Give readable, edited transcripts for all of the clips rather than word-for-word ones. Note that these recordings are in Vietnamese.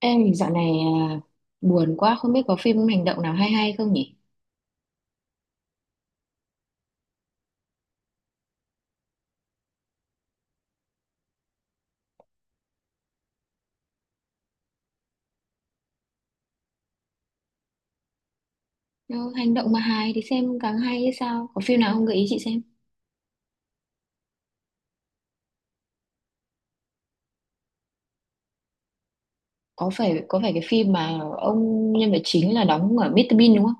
Em dạo này à, buồn quá không biết có phim hành động nào hay hay không nhỉ? Nó hành động mà hài thì xem càng hay hay sao? Có phim nào không gợi ý chị xem? Có phải cái phim mà ông nhân vật chính là đóng ở Mr. Bean đúng không?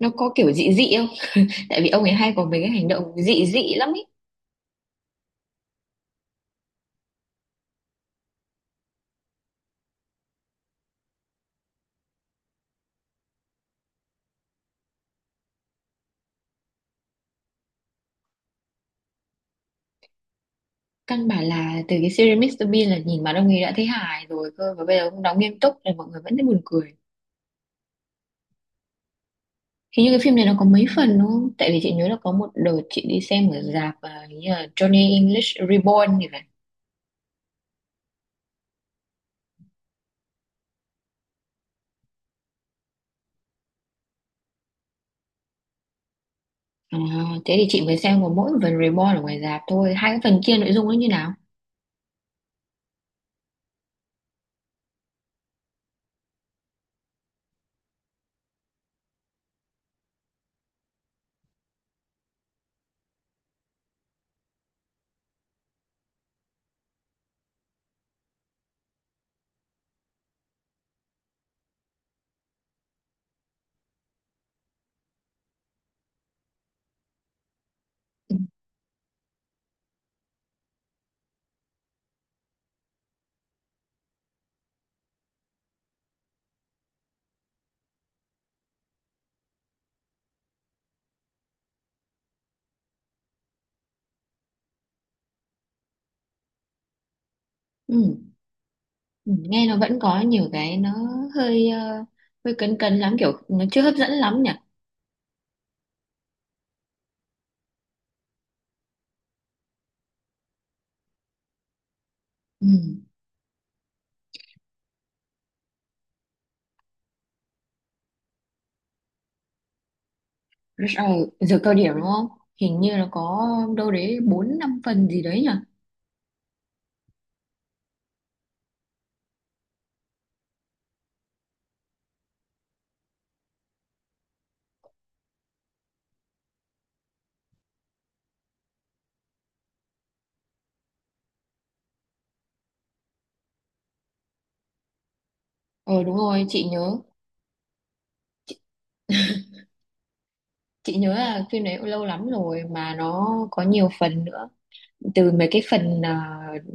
Nó có kiểu dị dị không? Tại vì ông ấy hay có mấy cái hành động dị dị lắm ấy. Căn bản là từ cái series Mr. Bean là nhìn mặt ông ấy đã thấy hài rồi cơ, và bây giờ ông đóng nghiêm túc là mọi người vẫn thấy buồn cười. Hình như cái phim này nó có mấy phần đúng không? Tại vì chị nhớ là có một đợt chị đi xem ở rạp, hình như là Johnny English Reborn thì phải. À, thế thì chị mới xem có mỗi phần Reborn ở ngoài rạp thôi, hai cái phần kia nội dung nó như nào? Ừ. Ừ. Ừ. Nghe nó vẫn có nhiều cái nó hơi hơi cấn cấn lắm, kiểu nó chưa hấp dẫn lắm nhỉ. Ừ. Rồi giờ cao điểm đúng không, hình như nó có đâu đấy bốn năm phần gì đấy nhỉ. Ờ đúng rồi chị nhớ, chị nhớ là phim đấy lâu lắm rồi mà nó có nhiều phần nữa, từ mấy cái phần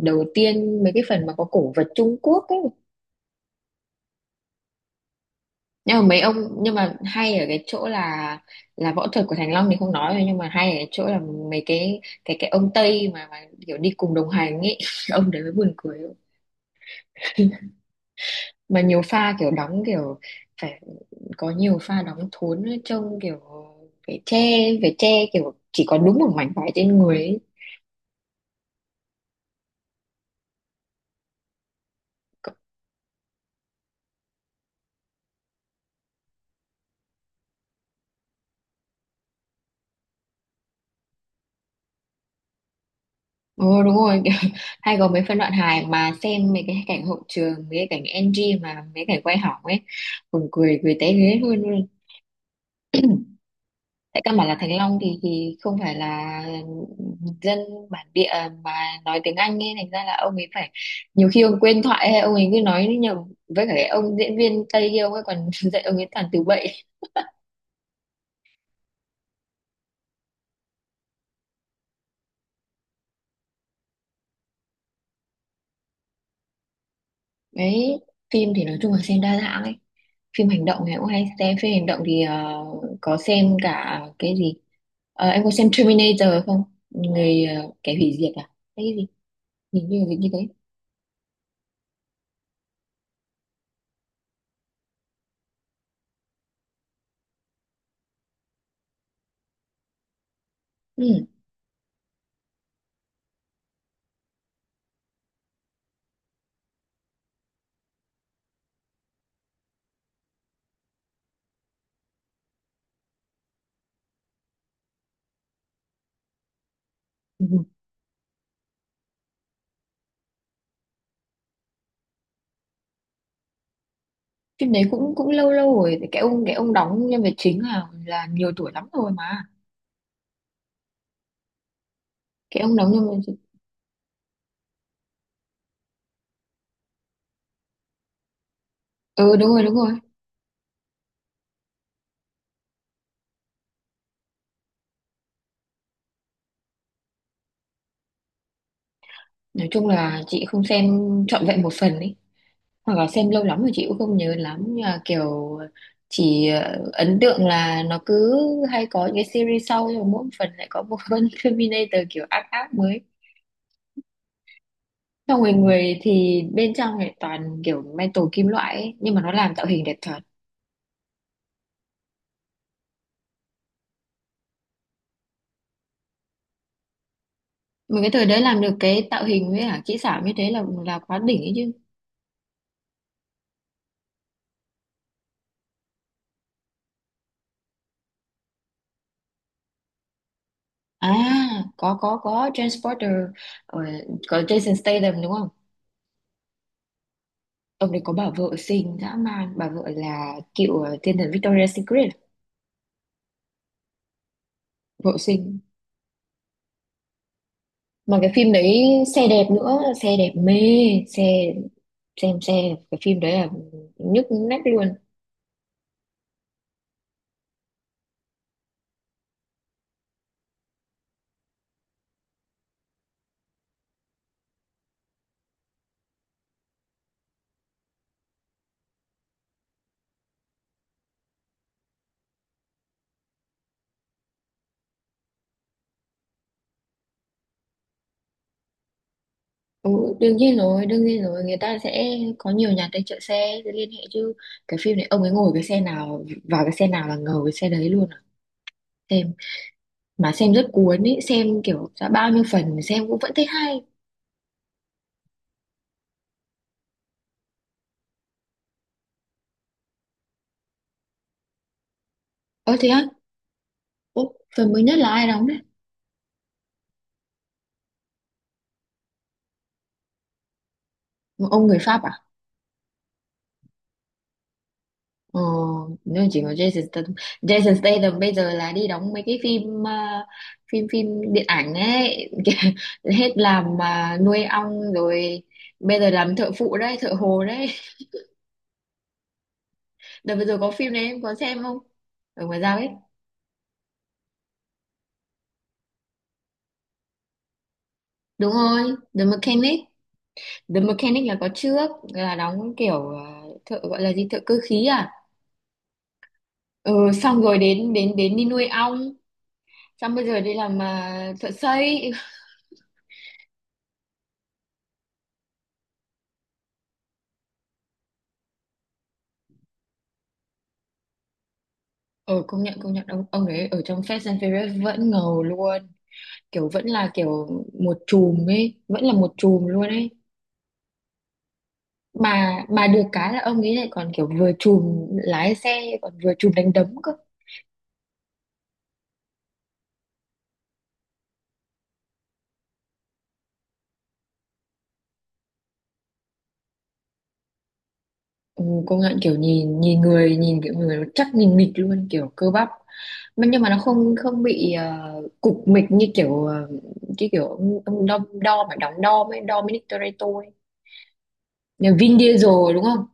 đầu tiên, mấy cái phần mà có cổ vật Trung Quốc ấy, nhưng mà mấy ông, nhưng mà hay ở cái chỗ là võ thuật của Thành Long thì không nói rồi, nhưng mà hay ở cái chỗ là mấy cái cái ông Tây mà kiểu đi cùng đồng hành ấy, ông đấy mới buồn cười. Mà nhiều pha kiểu đóng kiểu phải, có nhiều pha đóng thốn ấy, trông kiểu phải che, phải che kiểu chỉ có đúng một mảnh vải trên người ấy. Ừ, đúng rồi kiểu, hay có mấy phân đoạn hài mà xem mấy cái cảnh hậu trường, mấy cái cảnh NG mà mấy cảnh quay hỏng ấy, buồn cười cười té ghế luôn. Tại căn bản là Thành Long thì không phải là dân bản địa mà nói tiếng Anh ấy, thành ra là ông ấy phải, nhiều khi ông quên thoại hay ông ấy cứ nói nhầm, với cả cái ông diễn viên Tây kia ông ấy còn dạy ông ấy toàn từ bậy. Đấy, phim thì nói chung là xem đa dạng ấy, phim hành động thì cũng hay xem, phim hành động thì có xem cả cái gì. Ờ, em có xem Terminator không? Người, kẻ hủy diệt à, cái gì, hình như là gì như thế. Ừ. Phim đấy cũng cũng lâu lâu rồi, cái ông, cái ông đóng nhân vật chính là nhiều tuổi lắm rồi mà. Cái ông đóng nhân vật chính- Ừ đúng rồi, đúng rồi. Nói chung là chị không xem trọn vẹn một phần ấy, hoặc là xem lâu lắm rồi chị cũng không nhớ lắm, nhưng mà kiểu chỉ ấn tượng là nó cứ hay có những cái series sau, rồi mỗi phần lại có một con Terminator kiểu ác ác mới. Xong rồi người thì bên trong lại toàn kiểu metal, kim loại ấy, nhưng mà nó làm tạo hình đẹp thật. Một cái thời đấy làm được cái tạo hình với cả kỹ xảo như thế là quá đỉnh ấy chứ. À, có Transporter, ờ, có Jason Statham đúng không? Ông đấy có bà vợ xinh dã man, bà vợ là cựu, thiên thần Victoria's Secret, vợ xinh. Mà cái phim đấy xe đẹp nữa, xe đẹp mê, xe, xem xe, cái phim đấy là nhức nách luôn. Ừ, đương nhiên rồi, người ta sẽ có nhiều nhà tài trợ xe để liên hệ chứ. Cái phim này ông ấy ngồi cái xe nào, vào cái xe nào là ngầu cái xe đấy luôn à. Xem mà xem rất cuốn ý, xem kiểu đã bao nhiêu phần mà xem cũng vẫn thấy hay. Ơ thế á, ủa, phần mới nhất là ai đóng đấy? Ông người Pháp à? Ờ, nếu chỉ có Jason Statham. Jason Statham bây giờ là đi đóng mấy cái phim, phim điện ảnh ấy, kìa, hết làm mà nuôi ong rồi, bây giờ làm thợ phụ đấy, thợ hồ đấy. Đợt vừa rồi có phim đấy em có xem không? Ở ngoài ra ấy. Đúng rồi, The Mechanic. The Mechanic là có trước là đóng kiểu, thợ gọi là gì, thợ cơ khí à? Ừ, xong rồi đến đến đến đi nuôi ong, xong bây giờ đi làm thợ xây. Ờ công nhận, công nhận, ông ấy ở trong Fast and Furious vẫn ngầu luôn, kiểu vẫn là kiểu một chùm ấy, vẫn là một chùm luôn ấy. Mà được cái là ông ấy lại còn kiểu vừa chùm lái xe còn vừa chùm đánh đấm cơ. Ừ, công nhận kiểu nhìn, nhìn người nhìn kiểu người nó chắc, nhìn mịch luôn kiểu cơ bắp, mà nhưng mà nó không không bị cục mịch như kiểu cái kiểu ông đo, đo mà đóng đo ấy, Dominic Toretto ấy, nhà Vin Diesel đúng không?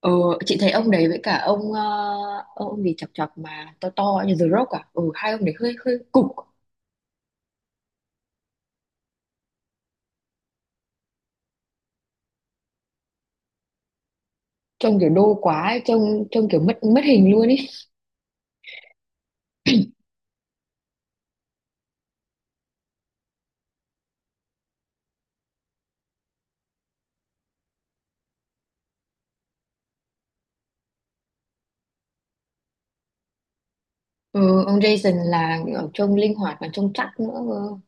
Ờ, chị thấy ông đấy với cả ông ông gì chọc chọc mà to to như The Rock à, ừ, hai ông đấy hơi hơi cục. Trông kiểu đô quá ấy, trông trông kiểu mất mất hình luôn ý. Ừ, ông Jason là kiểu trông linh hoạt mà trông chắc nữa cơ.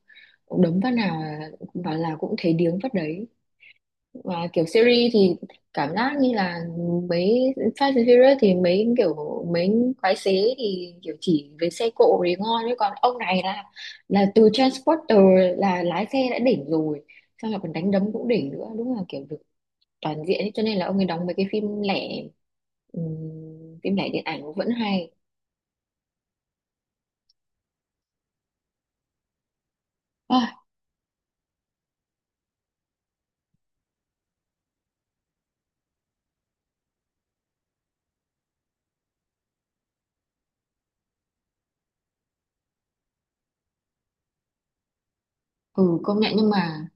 Ông đấm phát nào vào là cũng thấy điếng phát đấy. Và kiểu series thì cảm giác như là mấy Fast and Furious thì mấy kiểu, mấy quái xế thì kiểu chỉ với xe cộ thì ngon, chứ còn ông này là từ Transporter là lái xe đã đỉnh rồi, xong là còn đánh đấm cũng đỉnh nữa, đúng là kiểu được toàn diện ấy. Cho nên là ông ấy đóng mấy cái phim lẻ, phim lẻ điện ảnh cũng vẫn hay. À, ừ công nhận,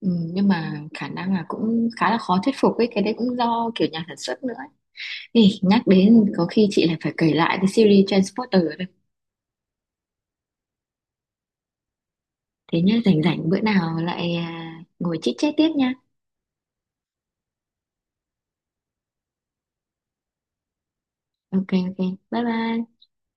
nhưng mà khả năng là cũng khá là khó thuyết phục ấy, cái đấy cũng do kiểu nhà sản xuất nữa. Ê, nhắc đến có khi chị lại phải kể lại cái series Transporter đây. Thế nhá, rảnh rảnh bữa nào lại, ngồi chit chat tiếp nha. Ok ok, bye bye.